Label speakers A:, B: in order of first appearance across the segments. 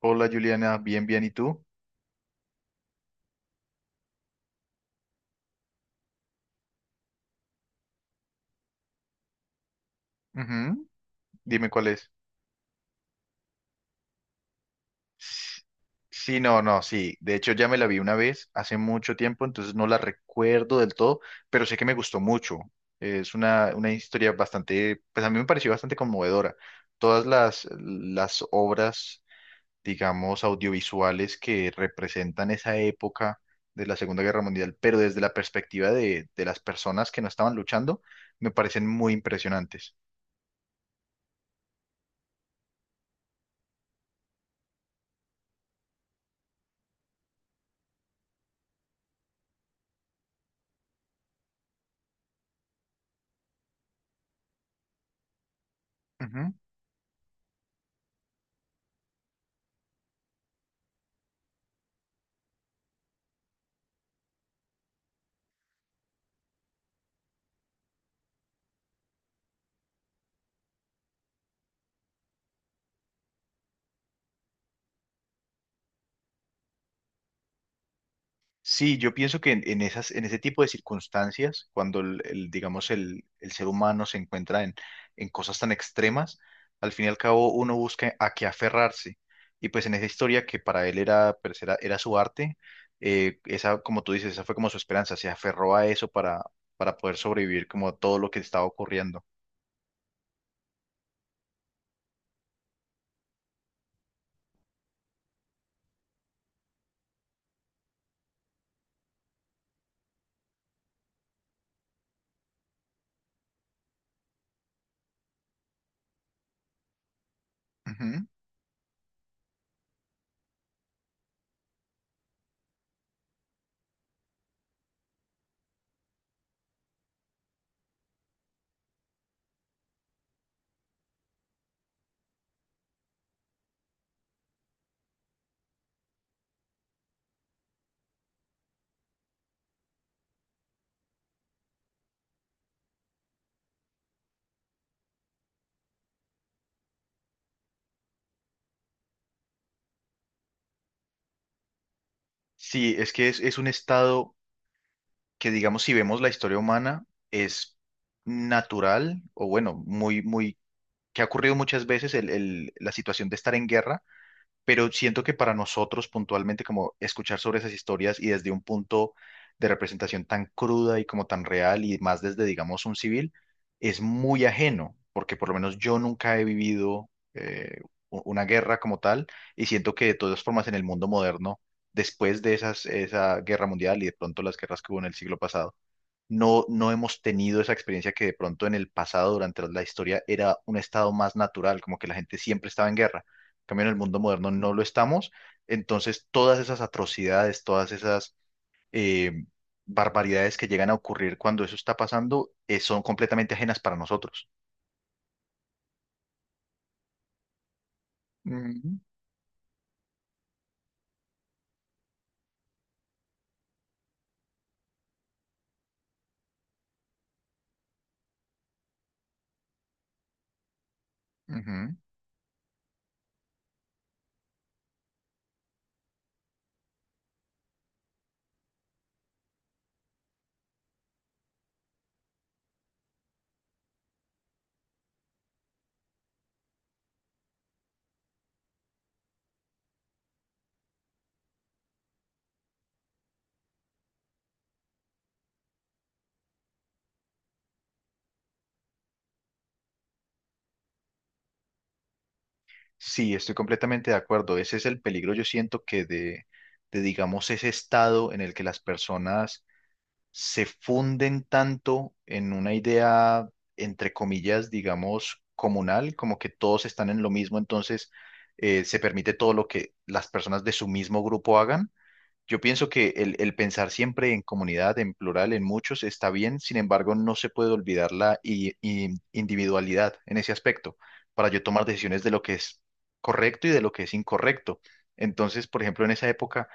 A: Hola Juliana, bien, bien, ¿y tú? Ujú. Dime cuál es. S- Sí, no, no, sí. De hecho, ya me la vi una vez hace mucho tiempo, entonces no la recuerdo del todo, pero sé que me gustó mucho. Es una historia bastante, pues a mí me pareció bastante conmovedora. Todas las obras, digamos, audiovisuales que representan esa época de la Segunda Guerra Mundial, pero desde la perspectiva de las personas que no estaban luchando, me parecen muy impresionantes. Sí, yo pienso que en ese tipo de circunstancias, cuando digamos el ser humano se encuentra en cosas tan extremas, al fin y al cabo uno busca a qué aferrarse. Y pues en esa historia que para él pues era su arte, esa, como tú dices, esa fue como su esperanza, se aferró a eso para poder sobrevivir como a todo lo que estaba ocurriendo. Ujú. Sí, es que es un estado que, digamos, si vemos la historia humana, es natural o bueno, muy, muy que ha ocurrido muchas veces la situación de estar en guerra, pero siento que para nosotros puntualmente como escuchar sobre esas historias y desde un punto de representación tan cruda y como tan real y más desde, digamos, un civil, es muy ajeno, porque por lo menos yo nunca he vivido eh, una guerra como tal y siento que de todas formas en el mundo moderno, después de esa guerra mundial y de pronto las guerras que hubo en el siglo pasado, no hemos tenido esa experiencia que de pronto en el pasado, durante la historia, era un estado más natural, como que la gente siempre estaba en guerra. En cambio, en el mundo moderno no lo estamos. Entonces, todas esas atrocidades, todas esas eh, barbaridades que llegan a ocurrir cuando eso está pasando, son completamente ajenas para nosotros. Ujú, ujú. Sí, estoy completamente de acuerdo. Ese es el peligro, yo siento que de, digamos, ese estado en el que las personas se funden tanto en una idea, entre comillas, digamos, comunal, como que todos están en lo mismo, entonces se permite todo lo que las personas de su mismo grupo hagan. Yo pienso que el pensar siempre en comunidad, en plural, en muchos, está bien, sin embargo, no se puede olvidar la individualidad en ese aspecto para yo tomar decisiones de lo que es correcto y de lo que es incorrecto. Entonces, por ejemplo, en esa época,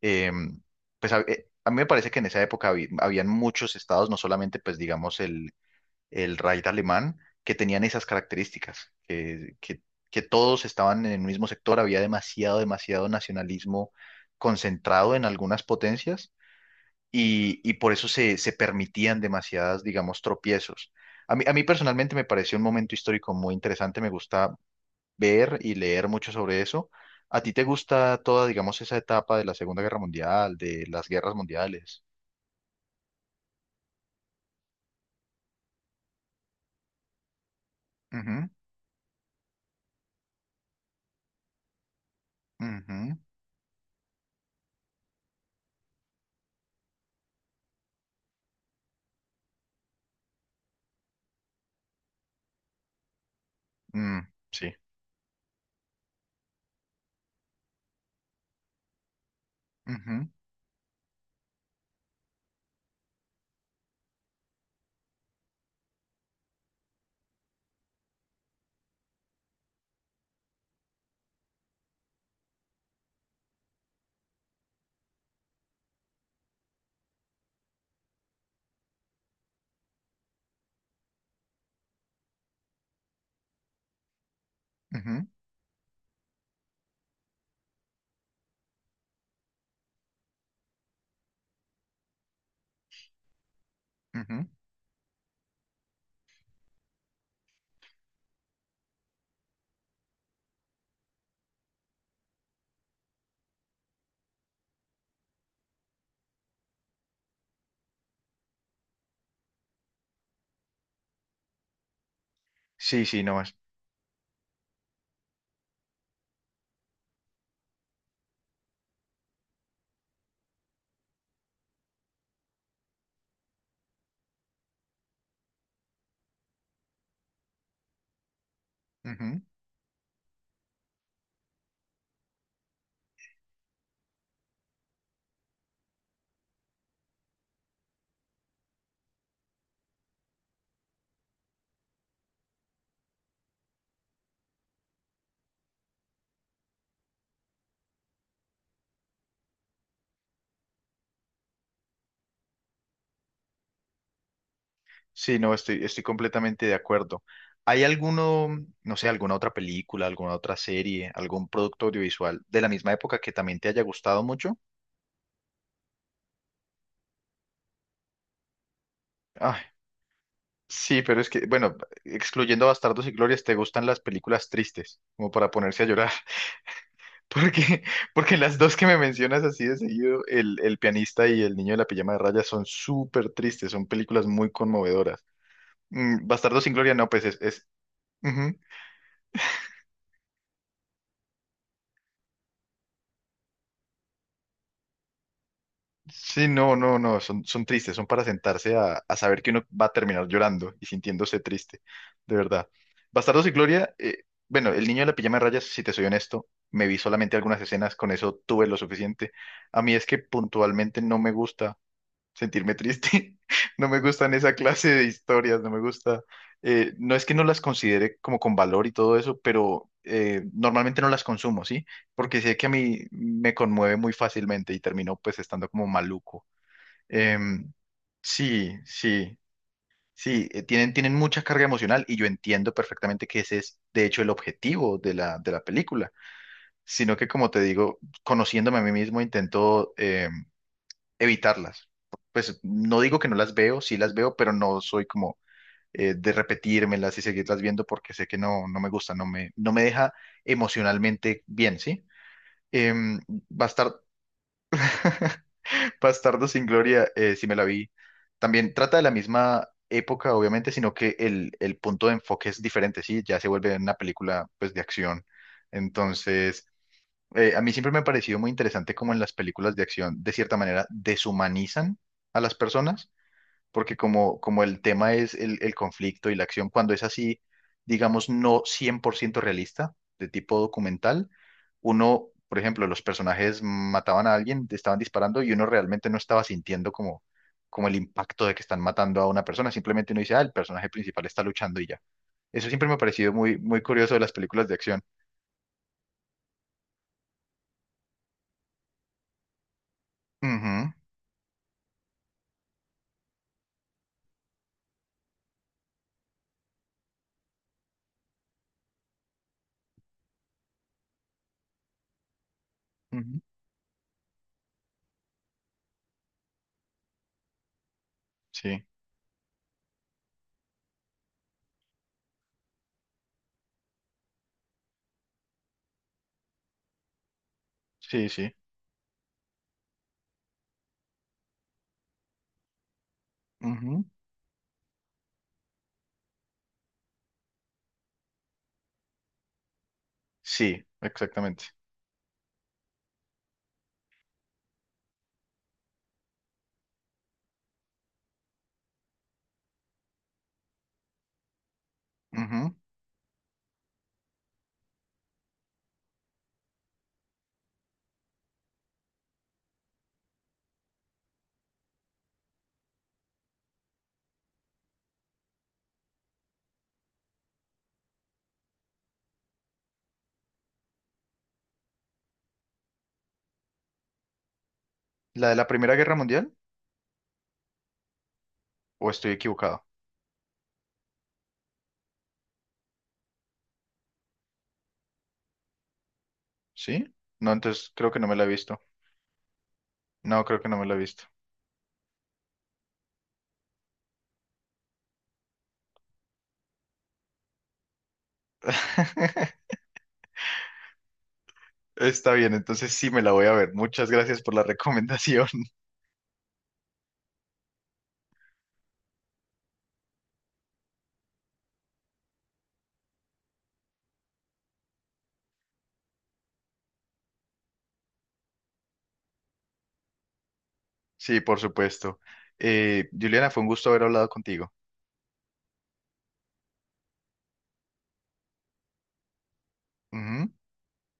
A: em, pues a mí me parece que en esa época habían muchos estados, no solamente, pues digamos, el Raid alemán, que tenían esas características, que todos estaban en el mismo sector, había demasiado, demasiado nacionalismo concentrado en algunas potencias y por eso se permitían demasiadas, digamos, tropiezos. A mí personalmente me pareció un momento histórico muy interesante, me gusta ver y leer mucho sobre eso. ¿A ti te gusta toda, digamos, esa etapa de la Segunda Guerra Mundial, de las guerras mundiales? Ujú, ujú, mm, sí. Ujú, ujú, ujú. Sí, sí, no es. Ujú. Sí, no, estoy completamente de acuerdo. ¿Hay alguno, no sé, alguna otra película, alguna otra serie, algún producto audiovisual de la misma época que también te haya gustado mucho? Ay, sí, pero es que, bueno, excluyendo Bastardos y Glorias, te gustan las películas tristes, como para ponerse a llorar. Porque, porque las dos que me mencionas así de seguido, el pianista y el niño de la pijama de rayas, son súper tristes, son películas muy conmovedoras. Mm, Bastardos sin Gloria, no, pues es, ujú. Sí, no, no, no, son tristes, son para sentarse a saber que uno va a terminar llorando y sintiéndose triste, de verdad. Bastardos y Gloria, bueno, El niño de la pijama de rayas, si te soy honesto, me vi solamente algunas escenas, con eso tuve lo suficiente. A mí es que puntualmente no me gusta sentirme triste. No me gustan esa clase de historias, no me gusta. No es que no las considere como con valor y todo eso, pero normalmente no las consumo, ¿sí? Porque sé que a mí me conmueve muy fácilmente y termino pues estando como maluco. Em, sí, sí, sí, tienen mucha carga emocional y yo entiendo perfectamente que ese es de hecho el objetivo de la película, sino que como te digo, conociéndome a mí mismo intento evitarlas. Pues no digo que no las veo, sí las veo, pero no soy como de repetírmelas y seguirlas viendo porque sé que no me gusta, no me deja emocionalmente bien, ¿sí? Em, Bastar- Bastardo sin Gloria, sí me la vi. También trata de la misma época, obviamente, sino que el punto de enfoque es diferente, ¿sí? Ya se vuelve una película, pues, de acción. Entonces, a mí siempre me ha parecido muy interesante cómo en las películas de acción, de cierta manera, deshumanizan a las personas porque como el tema es el conflicto y la acción, cuando es así, digamos, no 100% realista, de tipo documental, uno, por ejemplo, los personajes mataban a alguien, te estaban disparando y uno realmente no estaba sintiendo como el impacto de que están matando a una persona, simplemente uno dice, ah, el personaje principal está luchando y ya. Eso siempre me ha parecido muy, muy curioso de las películas de acción. Ujú, ujú, sí, sí, sí. Ujú, sí, exactamente. Ujú. ¿La de la Primera Guerra Mundial? ¿O estoy equivocado? ¿Sí? No, entonces creo que no me la he visto. No, creo que no me la he visto. Está bien, entonces sí me la voy a ver. Muchas gracias por la recomendación. Sí, por supuesto. Juliana, fue un gusto haber hablado contigo. Ujú.